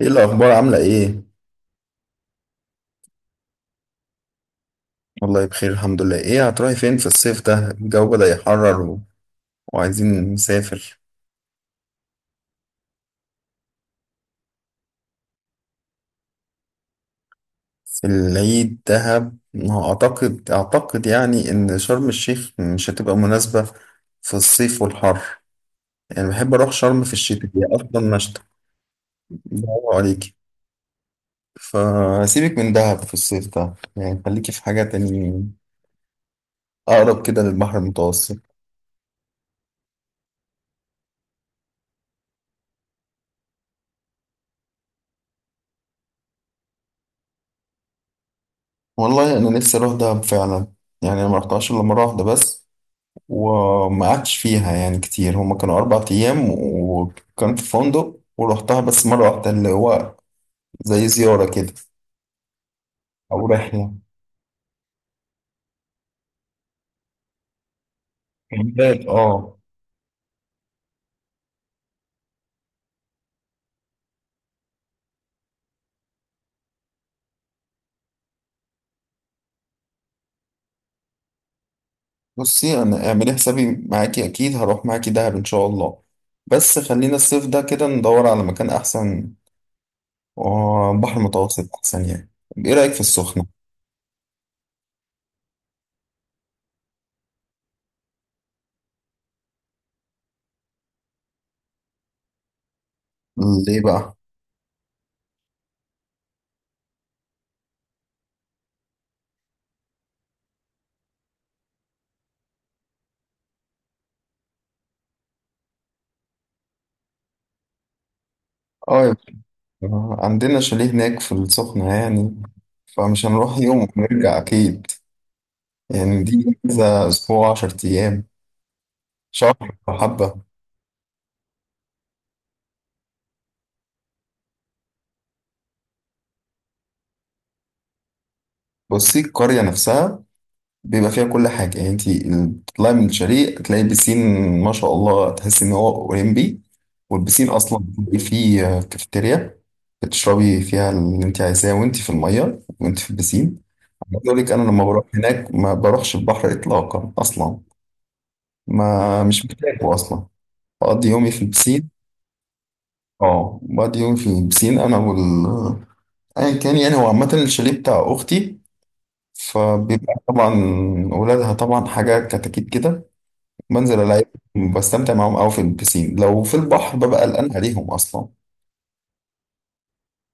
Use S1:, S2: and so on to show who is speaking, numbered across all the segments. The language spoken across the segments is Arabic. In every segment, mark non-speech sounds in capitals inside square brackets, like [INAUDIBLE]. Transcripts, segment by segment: S1: ايه الاخبار؟ عامله ايه؟ والله بخير الحمد لله. ايه هتروحي فين في الصيف ده؟ الجو بدأ يحرر وعايزين نسافر. في العيد دهب؟ ما هو اعتقد يعني ان شرم الشيخ مش هتبقى مناسبه في الصيف والحر، يعني بحب اروح شرم في الشتاء، هي اصلا مشتى. برافو عليكي. فسيبك من دهب في الصيف ده، يعني خليكي في حاجه تاني اقرب كده للبحر المتوسط. والله انا نفسي اروح دهب فعلا، يعني انا ما رحتهاش الا مره واحده بس، وما قعدتش فيها يعني كتير، هما كانوا 4 أيام وكان في فندق، ورحتها بس مرة واحدة اللي هو زي زيارة كده أو رحلة، كان باد اه. بصي أنا اعملي حسابي معاكي، أكيد هروح معاكي دهب إن شاء الله، بس خلينا الصيف ده كده ندور على مكان أحسن، وبحر متوسط أحسن يعني. طب إيه رأيك في السخنة؟ ليه بقى؟ اه يا باشا، عندنا شاليه هناك في السخنة يعني، فمش هنروح يوم ونرجع أكيد، يعني دي كذا أسبوع، 10 أيام، شهر أو حبة. بصي القرية نفسها بيبقى فيها كل حاجة، يعني انتي بتطلعي من الشاليه تلاقي بسين ما شاء الله تحسي إن هو أولمبي، والبسين أصلا بيبقى فيه كافيتيريا بتشربي فيها اللي انتي عايزاه وانتي في المية وانتي في البسين. عايز أقول لك أنا لما بروح هناك ما بروحش البحر إطلاقا أصلا، ما مش بحتاجه أصلا، بقضي يومي في البسين. اه بقضي يومي في البسين أنا، ايا كان يعني، هو عامة الشاليه بتاع اختي، فبيبقى طبعا ولادها طبعا حاجة كتاكيت كده، بنزل العب بستمتع معاهم قوي في البسين، لو في البحر ببقى قلقان عليهم اصلا،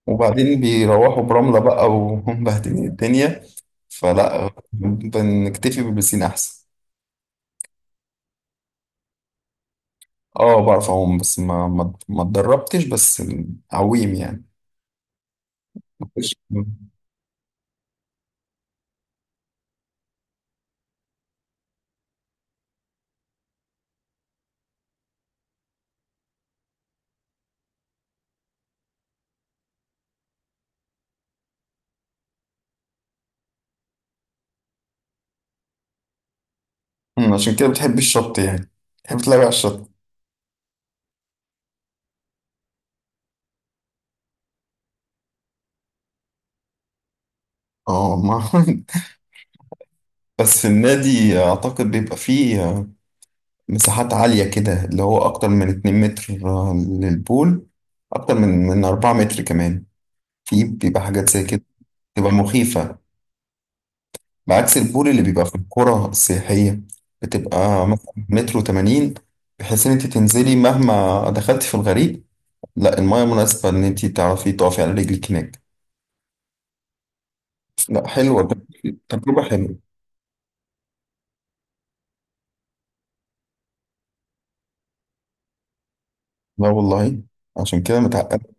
S1: وبعدين بيروحوا برملة بقى وهم [LAUGHS] مبهدلين الدنيا، فلا بنكتفي بالبسين احسن. اه بعرف اعوم بس ما اتدربتش، بس عويم يعني. عشان كده بتحب الشط يعني، بتحب تلعب على الشط. اه ما [LAUGHS] بس النادي اعتقد بيبقى فيه مساحات عالية كده، اللي هو أكتر من 2 متر للبول، أكتر من 4 متر كمان، في بيبقى حاجات زي كده، بتبقى مخيفة، بعكس البول اللي بيبقى في القرى السياحية، بتبقى مثلا متر وتمانين، بحيث إن أنت تنزلي مهما دخلتي في الغريق لا، المايه مناسبة إن أنت تعرفي تقفي على رجلك هناك. لا حلوة ده، تجربة حلوة. لا والله! عشان كده متعقد!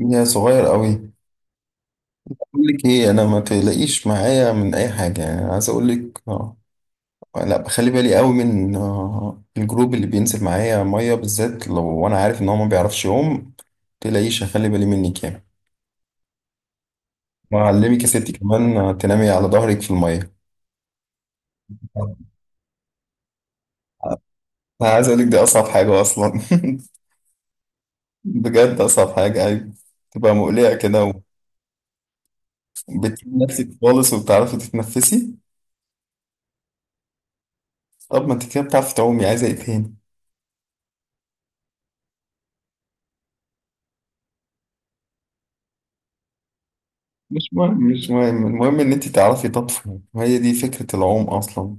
S1: يا صغير قوي. أقول لك إيه، أنا ما تقلقيش معايا من أي حاجة، يعني عايز أقول لك لا بخلي بالي قوي من الجروب اللي بينزل معايا ميه، بالذات لو انا عارف ان هو ما بيعرفش يقوم، تلاقيش هخلي بالي منك يعني. وأعلمك يا ستي كمان تنامي على ظهرك في الميه. انا عايز اقول لك دي اصعب حاجه اصلا. [LAUGHS] بجد اصعب حاجه، ايوه، تبقى مقلقه كده، وبتسيبي نفسك خالص وبتعرفي تتنفسي. طب ما انت كده بتعرفي تعومي، عايزه ايه تاني؟ مش مهم، مش مهم، المهم ان انت تعرفي تطفي وهي دي فكره العوم اصلا.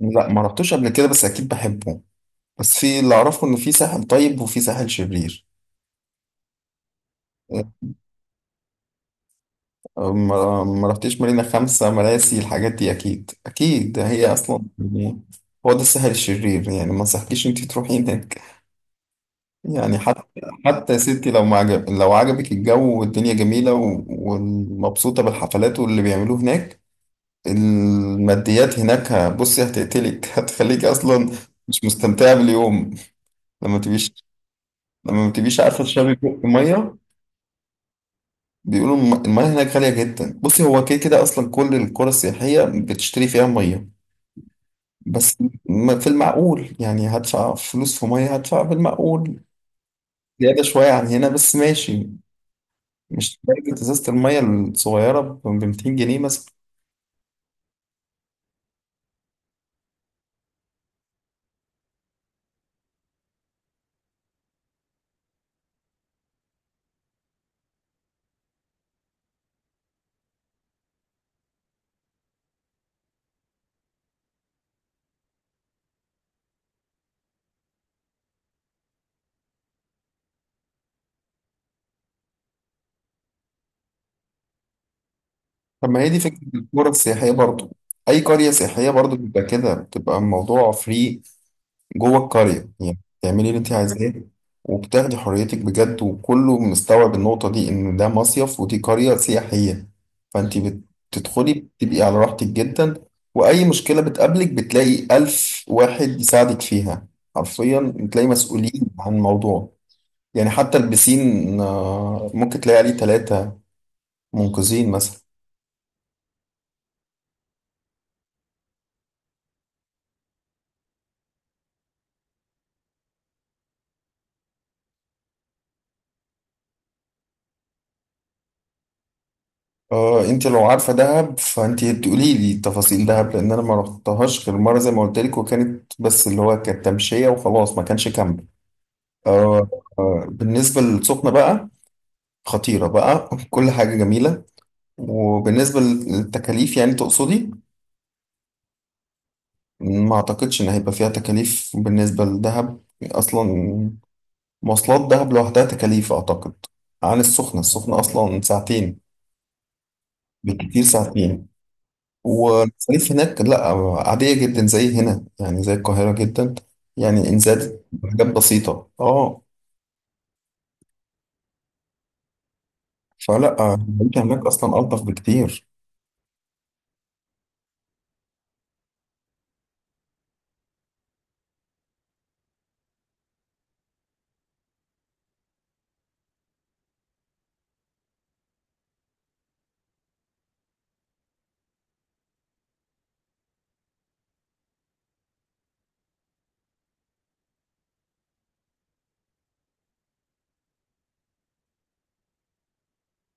S1: لا ما رحتوش قبل كده، بس اكيد بحبه، بس في اللي اعرفه ان في ساحل طيب وفي ساحل شرير. ما رحتش مارينا، خمسة مراسي، الحاجات دي اكيد اكيد، هي اصلا يعني هو ده الساحل الشرير، يعني ما انصحكيش انت تروحي هناك، يعني حتى، حتى يا ستي لو ما عجب، لو عجبك الجو والدنيا جميلة ومبسوطة بالحفلات واللي بيعملوه هناك، الماديات هناك بصي هتقتلك، [LAUGHS] هتخليك اصلا مش مستمتعة باليوم، لما تبيش، لما ما تبيش عارفة تشربي بق مية. بيقولوا المياه هناك غالية جدا، بصي هو كده كده أصلا كل القرى السياحية بتشتري فيها مية، بس في المعقول، يعني هدفع فلوس في مية هدفع في المعقول، زيادة شوية عن هنا بس ماشي، مش درجة إزازة المية الصغيرة ب 200 جنيه مثلا. طب ما هي دي فكرة القرى السياحية برضو، أي قرية سياحية برضو بيبقى كده، بتبقى الموضوع فري جوه القرية، يعني تعملي اللي انت عايزاه وبتاخدي حريتك بجد، وكله مستوعب النقطة دي إن ده مصيف ودي قرية سياحية، فانت بتدخلي بتبقي على راحتك جدا، وأي مشكلة بتقابلك بتلاقي ألف واحد يساعدك فيها، حرفيا بتلاقي مسؤولين عن الموضوع، يعني حتى البسين ممكن تلاقي عليه ثلاثة منقذين مثلا. اه انت لو عارفه دهب فانت تقولي لي تفاصيل دهب، لان انا ما رحتهاش غير مره زي ما قلت لك، وكانت بس اللي هو كانت تمشيه وخلاص، ما كانش كامب. آه بالنسبه للسخنه بقى، خطيره بقى! [LAUGHS] كل حاجه جميله. وبالنسبه للتكاليف يعني تقصدي، ما اعتقدش ان هيبقى فيها تكاليف بالنسبه لدهب اصلا، مواصلات دهب لوحدها تكاليف اعتقد عن السخنه، السخنه اصلا ساعتين، بالكتير ساعتين، والمصاريف هناك لا، عادية جدا زي هنا، يعني زي القاهرة جدا، يعني إن زادت حاجات بسيطة اه، فلا العيشة هناك أصلا ألطف بكتير.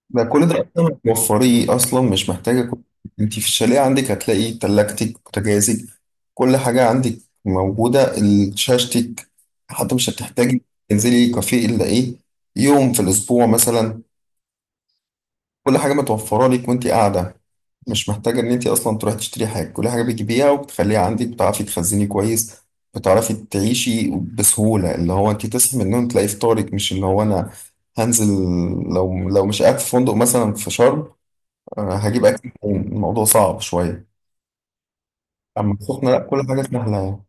S1: ده كل ده أصلا توفريه، أصلا مش محتاجة أنت في الشاليه عندك هتلاقي تلاجتك، بوتاجازك، كل حاجة عندك موجودة، شاشتك، حتى مش هتحتاجي تنزلي كافيه إلا إيه، يوم في الأسبوع مثلا، كل حاجة متوفرة لك وأنت قاعدة، مش محتاجة إن أنت أصلا تروحي تشتري حاجة، كل حاجة بتجيبيها وبتخليها عندك، بتعرفي تخزني كويس، بتعرفي تعيشي بسهولة، اللي هو أنت تصحي من النوم تلاقي فطارك، مش اللي هو أنا هنزل، لو مش قاعد في فندق مثلا في شرم، هجيب أكل منين؟ الموضوع صعب شوية. أما السخنة لأ كل حاجة سهلة يعني،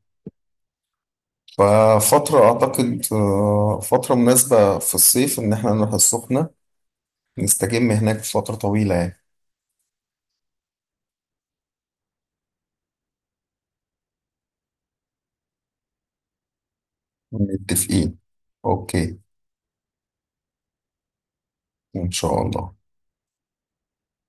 S1: ففترة أعتقد فترة مناسبة في الصيف إن إحنا نروح السخنة، نستجم هناك فترة طويلة يعني. متفقين. أوكي. إن شاء الله.